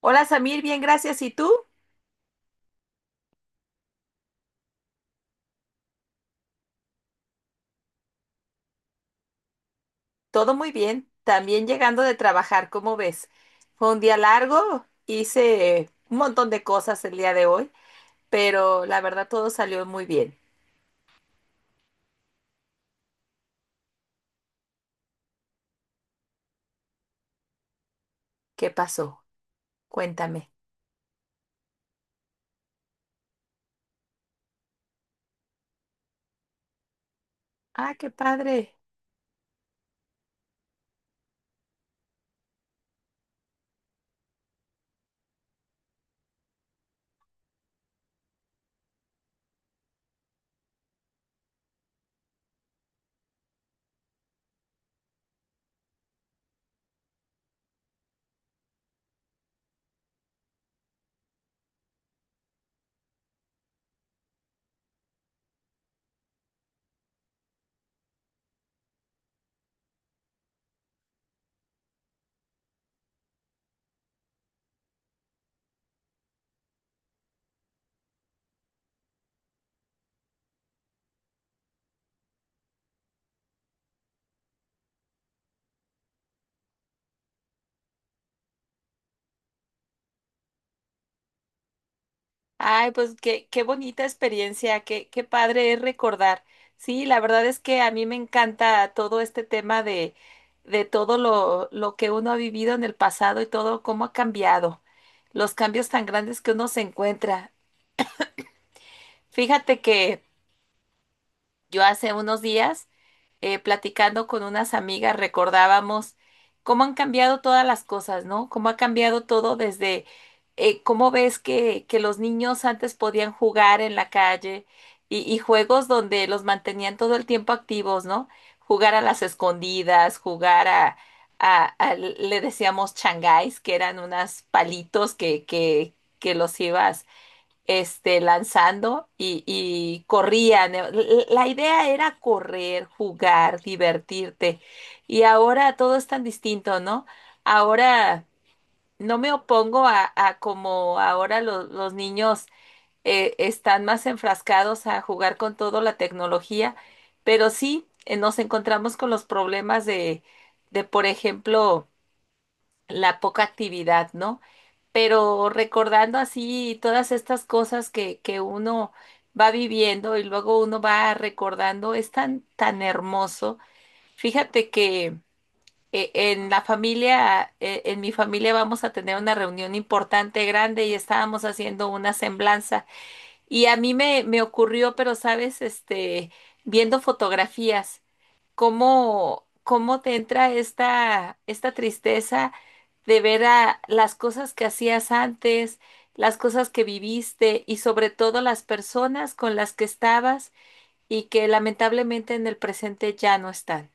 Hola Samir, bien, gracias. ¿Y tú? Todo muy bien. También llegando de trabajar, ¿cómo ves? Fue un día largo, hice un montón de cosas el día de hoy, pero la verdad todo salió muy bien. ¿Qué pasó? Cuéntame. Ah, qué padre. Ay, pues qué, qué bonita experiencia, qué, qué padre es recordar. Sí, la verdad es que a mí me encanta todo este tema de todo lo que uno ha vivido en el pasado y todo cómo ha cambiado, los cambios tan grandes que uno se encuentra. Fíjate que yo hace unos días, platicando con unas amigas, recordábamos cómo han cambiado todas las cosas, ¿no? Cómo ha cambiado todo desde cómo ves que los niños antes podían jugar en la calle y juegos donde los mantenían todo el tiempo activos, ¿no? Jugar a las escondidas, jugar a, le decíamos changáis, que eran unos palitos que los ibas lanzando y corrían. La idea era correr, jugar, divertirte. Y ahora todo es tan distinto, ¿no? Ahora no me opongo a como ahora los niños están más enfrascados a jugar con toda la tecnología, pero sí nos encontramos con los problemas de, por ejemplo, la poca actividad, ¿no? Pero recordando así todas estas cosas que uno va viviendo y luego uno va recordando, es tan, tan hermoso. Fíjate que en mi familia vamos a tener una reunión importante, grande, y estábamos haciendo una semblanza. Y a mí me ocurrió, pero sabes, viendo fotografías cómo, cómo te entra esta, esta tristeza de ver a las cosas que hacías antes, las cosas que viviste y sobre todo las personas con las que estabas y que lamentablemente en el presente ya no están.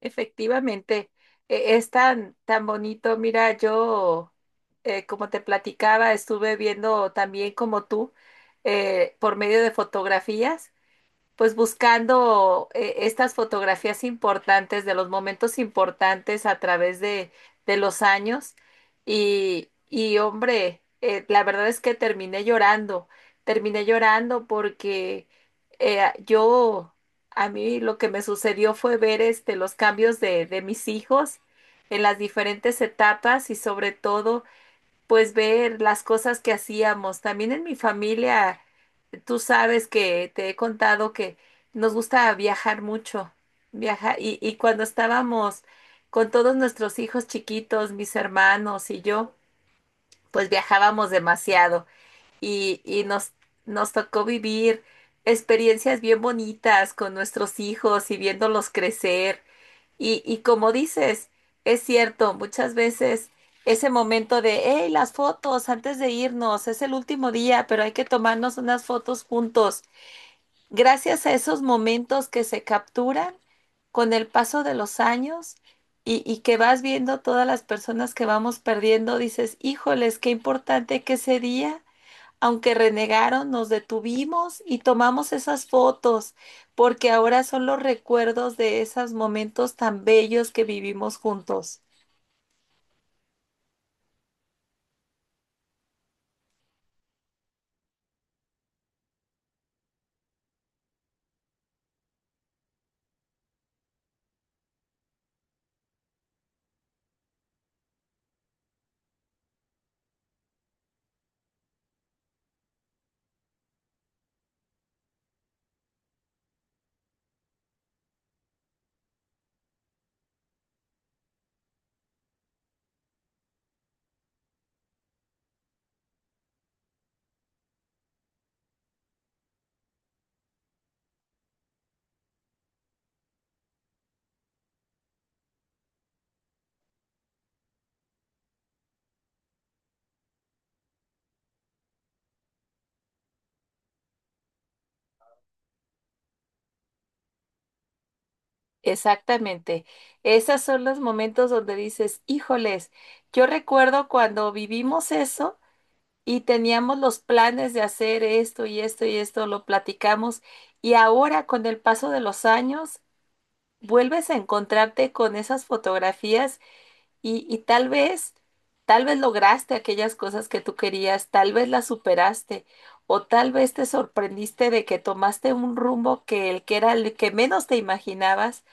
Efectivamente, es tan, tan bonito. Mira, yo, como te platicaba, estuve viendo también como tú, por medio de fotografías, pues buscando estas fotografías importantes de los momentos importantes a través de los años y hombre, la verdad es que terminé llorando porque eh, yo, a mí lo que me sucedió fue ver los cambios de mis hijos en las diferentes etapas y sobre todo pues ver las cosas que hacíamos. También en mi familia, tú sabes que te he contado que nos gusta viajar mucho, viajar, y cuando estábamos con todos nuestros hijos chiquitos, mis hermanos y yo, pues viajábamos demasiado y nos tocó vivir experiencias bien bonitas con nuestros hijos y viéndolos crecer. Y como dices, es cierto, muchas veces ese momento de, hey, las fotos antes de irnos, es el último día, pero hay que tomarnos unas fotos juntos. Gracias a esos momentos que se capturan con el paso de los años y que vas viendo todas las personas que vamos perdiendo, dices, híjoles, qué importante que ese día. Aunque renegaron, nos detuvimos y tomamos esas fotos, porque ahora son los recuerdos de esos momentos tan bellos que vivimos juntos. Exactamente. Esos son los momentos donde dices, híjoles, yo recuerdo cuando vivimos eso y teníamos los planes de hacer esto y esto y esto, lo platicamos, y ahora con el paso de los años, vuelves a encontrarte con esas fotografías. Y tal vez lograste aquellas cosas que tú querías, tal vez las superaste, o tal vez te sorprendiste de que tomaste un rumbo que el que era el que menos te imaginabas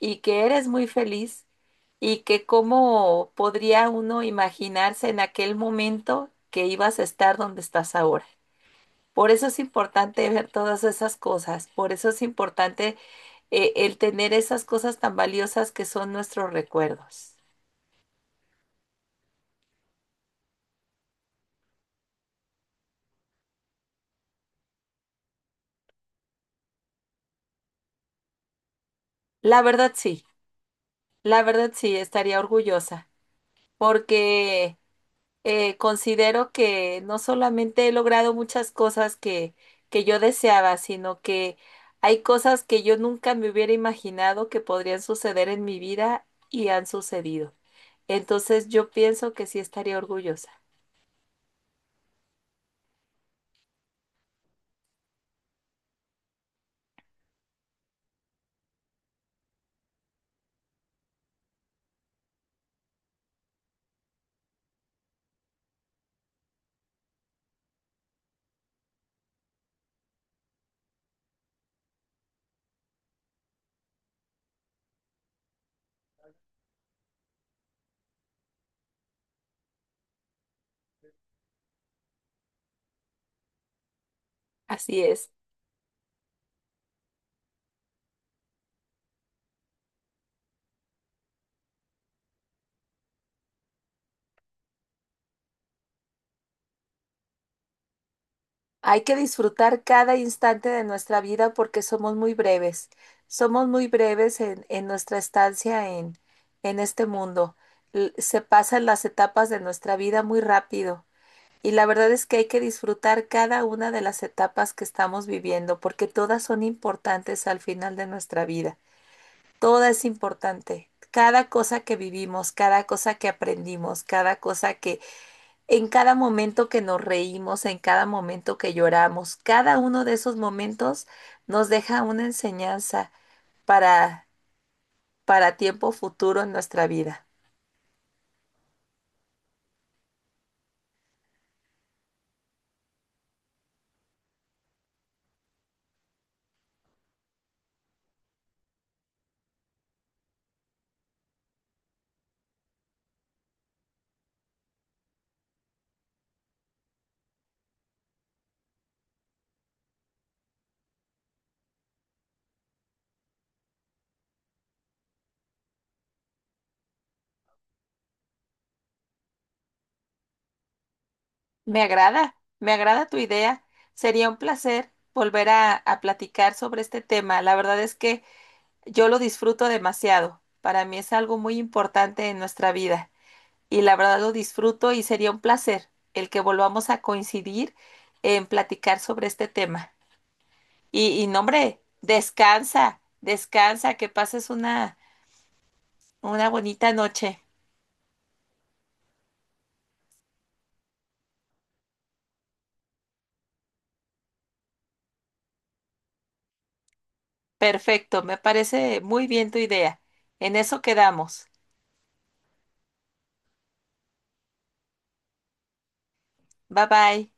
y que eres muy feliz y que cómo podría uno imaginarse en aquel momento que ibas a estar donde estás ahora. Por eso es importante ver todas esas cosas, por eso es importante el tener esas cosas tan valiosas que son nuestros recuerdos. La verdad, sí. La verdad sí, estaría orgullosa, porque considero que no solamente he logrado muchas cosas que yo deseaba, sino que hay cosas que yo nunca me hubiera imaginado que podrían suceder en mi vida y han sucedido. Entonces yo pienso que sí estaría orgullosa. Así es. Hay que disfrutar cada instante de nuestra vida porque somos muy breves. Somos muy breves en nuestra estancia en este mundo. Se pasan las etapas de nuestra vida muy rápido. Y la verdad es que hay que disfrutar cada una de las etapas que estamos viviendo porque todas son importantes al final de nuestra vida. Toda es importante. Cada cosa que vivimos, cada cosa que aprendimos, cada cosa que en cada momento que nos reímos, en cada momento que lloramos, cada uno de esos momentos nos deja una enseñanza para, para tiempo futuro en nuestra vida. Me agrada tu idea. Sería un placer volver a platicar sobre este tema. La verdad es que yo lo disfruto demasiado. Para mí es algo muy importante en nuestra vida y la verdad lo disfruto y sería un placer el que volvamos a coincidir en platicar sobre este tema. Y no, hombre, descansa, descansa, que pases una bonita noche. Perfecto, me parece muy bien tu idea. En eso quedamos. Bye bye.